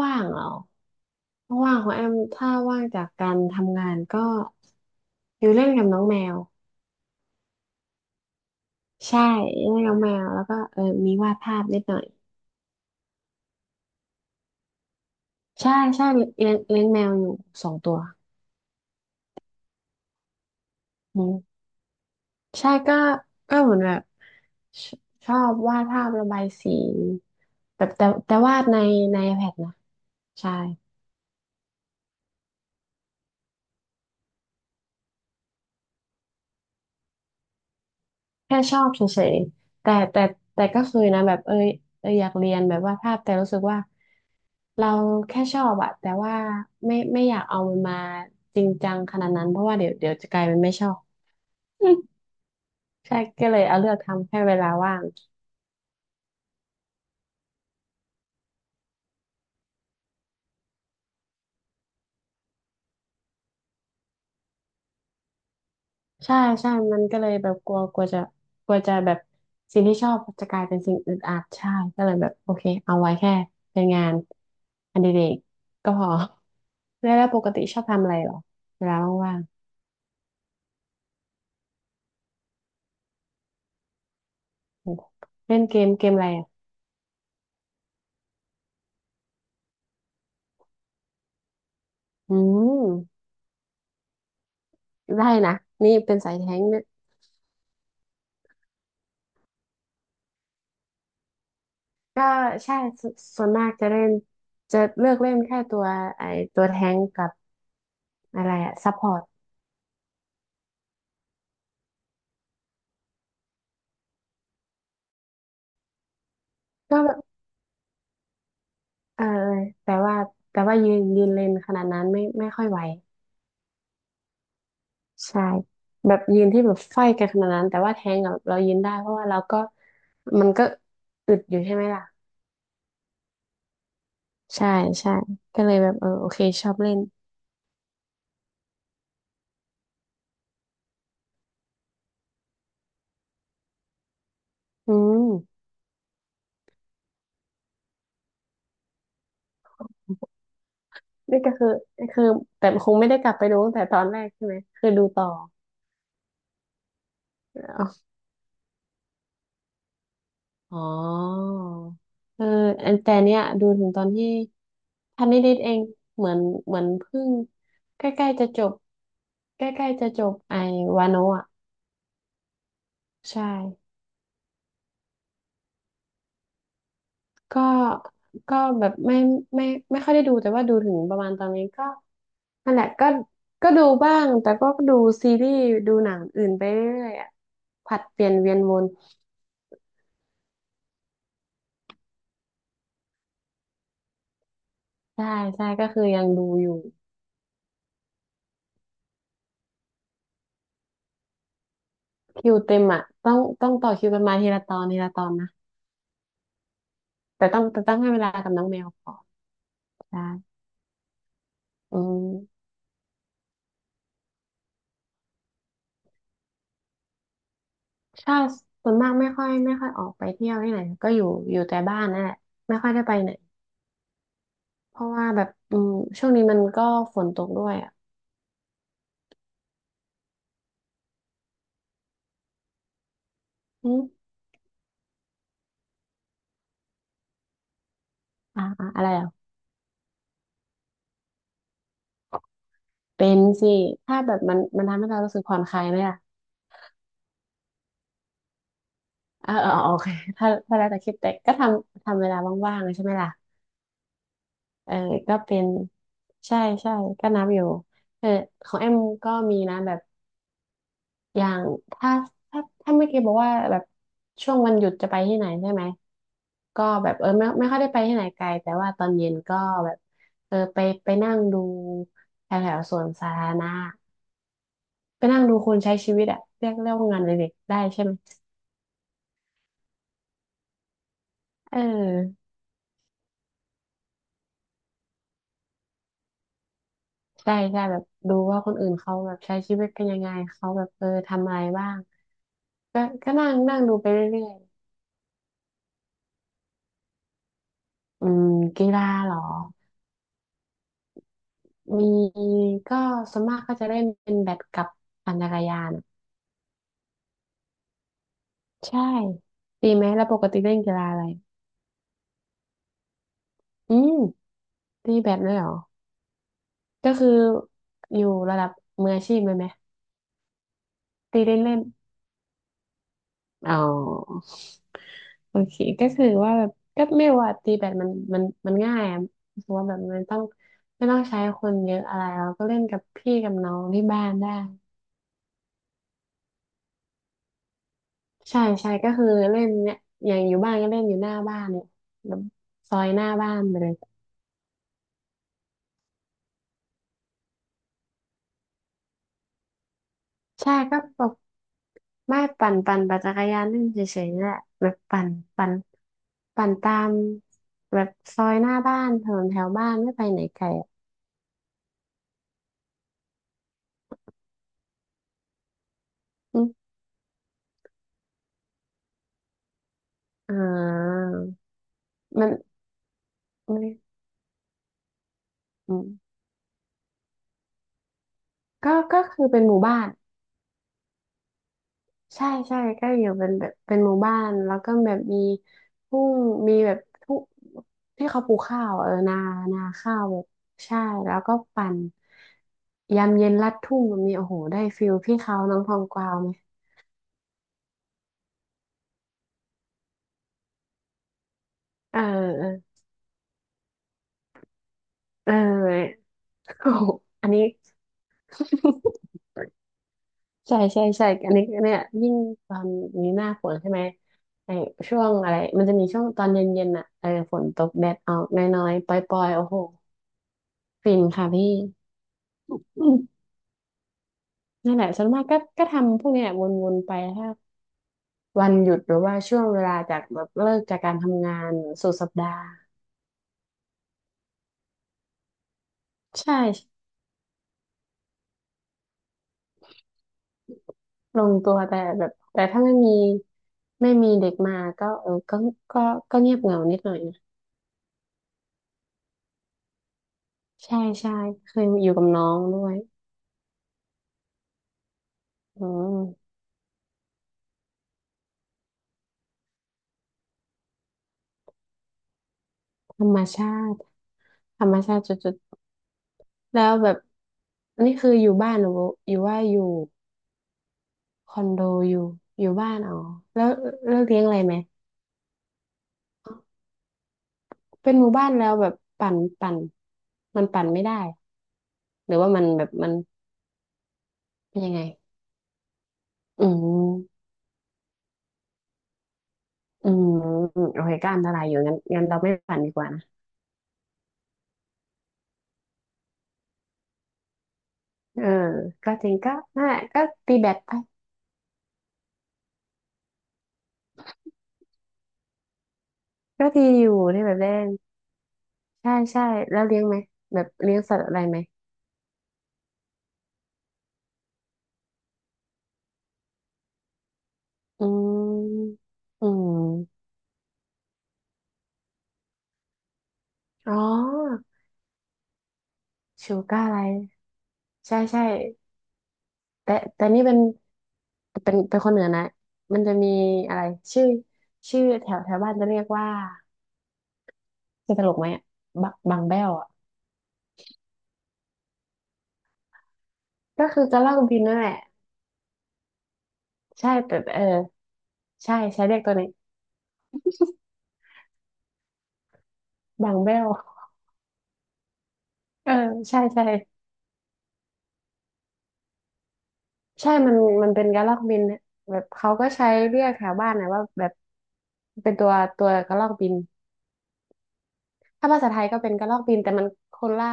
ว่างๆเหรอว่างๆของแอมถ้าว่างจากการทำงานก็อยู่เล่นกับน้องแมวใช่เล่นกับแมวแล้วก็มีวาดภาพนิดหน่อยใช่ใช่เลี้ยงแมวอยู่สองตัวอืมใช่ก็เหมือนแบบชชอบวาดภาพระบายสีแต่วาดในiPad นะใช่ แค่ชอบเฉยๆแต่ก็เคยนะแบบเอยอยากเรียนแบบวาภาพแต่รู้สึกว่าเราแค่ชอบอะแต่ว่าไม่อยากเอามันมาจริงจังขนาดนั้นเพราะว่าเดี๋ยวจะกลายเป็นไม่ชอบ ใช่ก็เลยเอาเลือกทำแค่เวลาว่างใช่ใช่มันก็เลยแบบกลัวกลัวจะกลัวจะแบบสิ่งที่ชอบจะกลายเป็นสิ่งอึดอัดใช่ก็เลยแบบโอเคเอาไว้แค่เป็นงานอดิเรกก็พอ แล้วปกติชอบทำอะไรเหรอเวลาว่างๆ เล่นเกมเกมอะไรอ่ะอืมได้นะนี่เป็นสายแท้งค์เนี่ยก็ใช่สส่วนมากจะเล่นจะเลือกเล่นแค่ตัวไอตัวแท้งค์กับอะไรอะซัพพอร์ตก็แบบเออแต่ว่าแต่ว่ายืนยืนเลนขนาดนั้นไม่ค่อยไหวใช่แบบยืนที่แบบไฟกันขนาดนั้นแต่ว่าแทงกับเรายืนได้เพราะว่าเราก็มันก็อึดอยู่ใช่ไหมล่ะใช่ใช่ก็เลยแบบเออโอเคชอบเล่นอืม นี่ก็คือคือแต่คงไม่ได้กลับไปดูตั้งแต่ตอนแรกใช่ไหม คือดูต่อเอ๋อ๋อเอออันเนี้ยดูถึงตอนที่พันนิดๆเอง เหมือนเหมือนเพิ่งใกล้ๆจะจบใกล้ๆจะจบวาโนะอ่ะใช่ ก็แบบไม่ไม่ไม่ค่อยได้ดูแต่ว่าดูถึงประมาณตอนนี้ก็นั่นแหละก็ก็ดูบ้างแต่ก็ดูซีรีส์ดูหนังอื่นไปเรื่อยๆอ่ะผัดเปลี่ยนเวียนวน ใช่ใช่ก็คือยังดูอยู่คิวเต็มอ่ะต้องต่อคิวกันมาทีละตอนทีละตอนนะแต่ต้องให้เวลากับน้องแมวก่อนใช่อืมชาส่วนมากไม่ค่อยออกไปเที่ยวที่ไหนก็อยู่อยู่แต่บ้านนั่นแหละไม่ค่อยได้ไปไหนเพราะว่าแบบอืมช่วงนี้มันก็ฝนตกด้วยอ่ะอืมอ่าอะอะไรอ่ะเป็นสิถ้าแบบมันมันทำให้เรารู้สึกผ่อนคลายไหมล่ะอ่าเออเออโอเคถ้าแล้วแต่คิดแต่ก็ทำทำเวลาว่างๆใช่ไหมล่ะ เออก็เป็นใช่ใช่ก็นับอยู่เออของแอมก็มีนะแบบอย่างถ้าถ้าถ้าเมื่อกี้บอกว่าแบบช่วงวันหยุดจะไปที่ไหนใช่ไหมก็แบบเออไม่ค่อยได้ไปที่ไหนไกลแต่ว่าตอนเย็นก็แบบเออไปไปนั่งดูแถวแถวสวนสาธารณะไปนั่งดูคนใช้ชีวิตอะเรียกว่างานอดิเรกได้ใช่ไหมเออใช่ใช่แบบดูว่าคนอื่นเขาแบบใช้ชีวิตกันยังไงเขาแบบเออทำอะไรบ้างก็ก็นั่งนั่งดูไปเรื่อยๆ อืมกีฬาเหรอมีก็ส่วนมากก็จะเล่นเป็นแบดกับปั่นจักรยานใช่ตีไหมแล้วปกติเล่นกีฬาอะไรอืมตีแบดเลยเหรอก็คืออยู่ระดับมืออาชีพเลยไหมตีเล่นเล่นอ๋อโอเคก็คือว่าแบบก็ไม่ว่าตีแบดมันมันง่ายอะเพราะว่าแบบมันต้องไม่ต้องใช้คนเยอะอะไรเราก็เล่นกับพี่กับน้องที่บ้านได้ ใช่ใช่ก็คือเล่นเนี่ยอย่างอยู่บ้านก็เล่นอยู่หน้าบ้านเนี่ยแบบซอยหน้าบ้านไปเลยใช่ก็แบบไม่ปั่นปั่นจักรยานเล่นเฉยๆนี่แหละแบบปั่นปั่นปั่นตามแบบซอยหน้าบ้านถนนแถวบ้านไม่ไปไหนไกลอะอืมอ่ามันมันอืมก็คือเป็นหมู่บ้าน ใช่ใช่ก็อยู่เป็นแบบเป็นหมู่บ้านแล้วก็แบบมีทุ่งมีแบบทุ่งที่เขาปลูกข้าวเออนานาข้าวแบบใช่แล้วก็ปั่นยามเย็นลัดทุ่งแบบนี้โอ้โหได้ฟิลพี่เขาน้องทองกวาวไหมเออเออเออโอ้โหอันนี้ใช่ใช่ใช่อันนี้เนี่ยยิ่งตอนนี้หน้าฝนใช่ไหมไอช่วงอะไรมันจะมีช่วงตอนเย็นๆน่ะเออฝนตกแดดออกน้อยๆปล่อยๆโอ้โหฟินค่ะพี่ อืมนั่นแหละส่วนมากก็ทำพวกเนี้ยวนๆไปถ้าวันหยุดหรือว่าช่วงเวลาจากแบบเลิกจากการทำงานสุดสัปดาห์ใช่ลงตัวแต่แบบแต่ถ้าไม่มีเด็กมาก็เออก็ก็เงียบเหงานิดหน่อยนะใช่ใช่เคยอยู่กับน้องด้วยอืมธรรมชาติธรรมชาติจุดๆแล้วแบบอันนี้คืออยู่บ้านหรืออยู่ว่าอยู่คอนโดอยู่อยู่บ้านอ๋อแล้วเลี้ยงอะไรไหม เป็นหมู่บ้านแล้วแบบปั่นมันปั่นไม่ได้หรือว่ามันแบบมันเป็นยังไงอืมอืมโอเคก็อันตรายอยู่งั้นงั้นเราไม่ปั่นดีกว่านะเออก็จริงก็น่าก็ตีแบดไปก็ดีอยู่ที่แบบเล่นใช่ใช่แล้วเลี้ยงไหมแบบเลี้ยงสัตว์อะไรไหมอืมอืมอ๋อชูก้าอะไรใช่ใช่แต่นี่เป็นเป็นคนเหนือนะมันจะมีอะไรชื่อชื่อแถวแถวบ้านจะเรียกว่า จะตลกไหมอะบะบางแบ้วอ่ะก็คือกระลอกบินนั่นแหละใช่แต่เออใช่ใช้เรียกตัวนี้บางแบ้วเออใช่ใช่ใช่มันเป็นกระรอกบินเนี่ยแบบเขาก็ใช้เรียกแถวบ้านนะว่าแบบเป็นตัวกระรอกบินถ้าภาษาไทยก็เป็นกระรอกบินแต่คนละ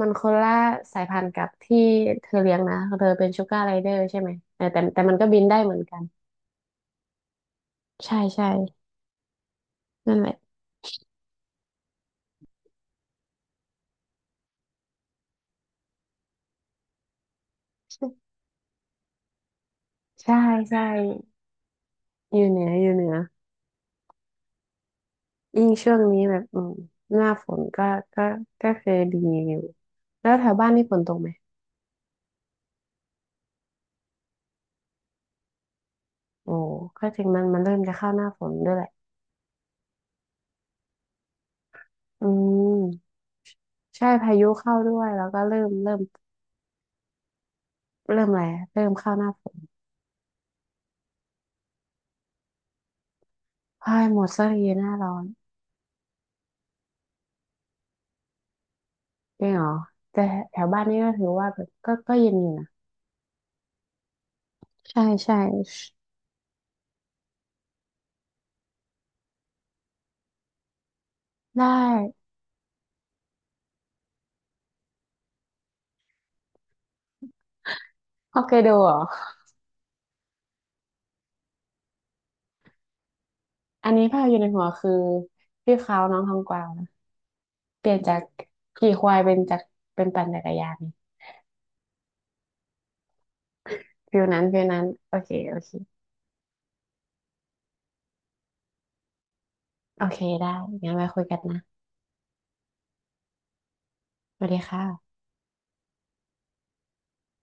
มันคนละสายพันธุ์กับที่เธอเลี้ยงนะเธอเป็นชูการ์ไรเดอร์ใช่ไหมเออแต่มันก็บินได้เหมือนกันใช่ใช่นั่นแหละใช่ใช่อยู่เหนือ ยิ่งช่วงนี้แบบอืมหน้าฝนก็ก็คือดีอยู่แล้วแถวบ้านนี่ฝนตกไหมโอ้ก็จริงมันเริ่มจะเข้าหน้าฝนด้วยแหละอืมใช่พายุเข้าด้วยแล้วก็เริ่มเริ่มอะไรเริ่มเข้าหน้าฝนพายหมดสักทีหน้าร้อนจริงเหรอแต่แถวบ้านนี่ก็ถือว่าแบบก็เย็นอยู่นะใช่ใช่ได้ฮอกไกโดเหรออันนี้ภาพอยู่ในหัวคือพี่เขาน้องทองกวาวนะเปลี่ยนจากขี่ควายเป็นจากเป็นปั่นจักรยาน ฟิลนั้นโอเคโอเคได้งั้นไว้คุยกันนะสวัสดีค่ะ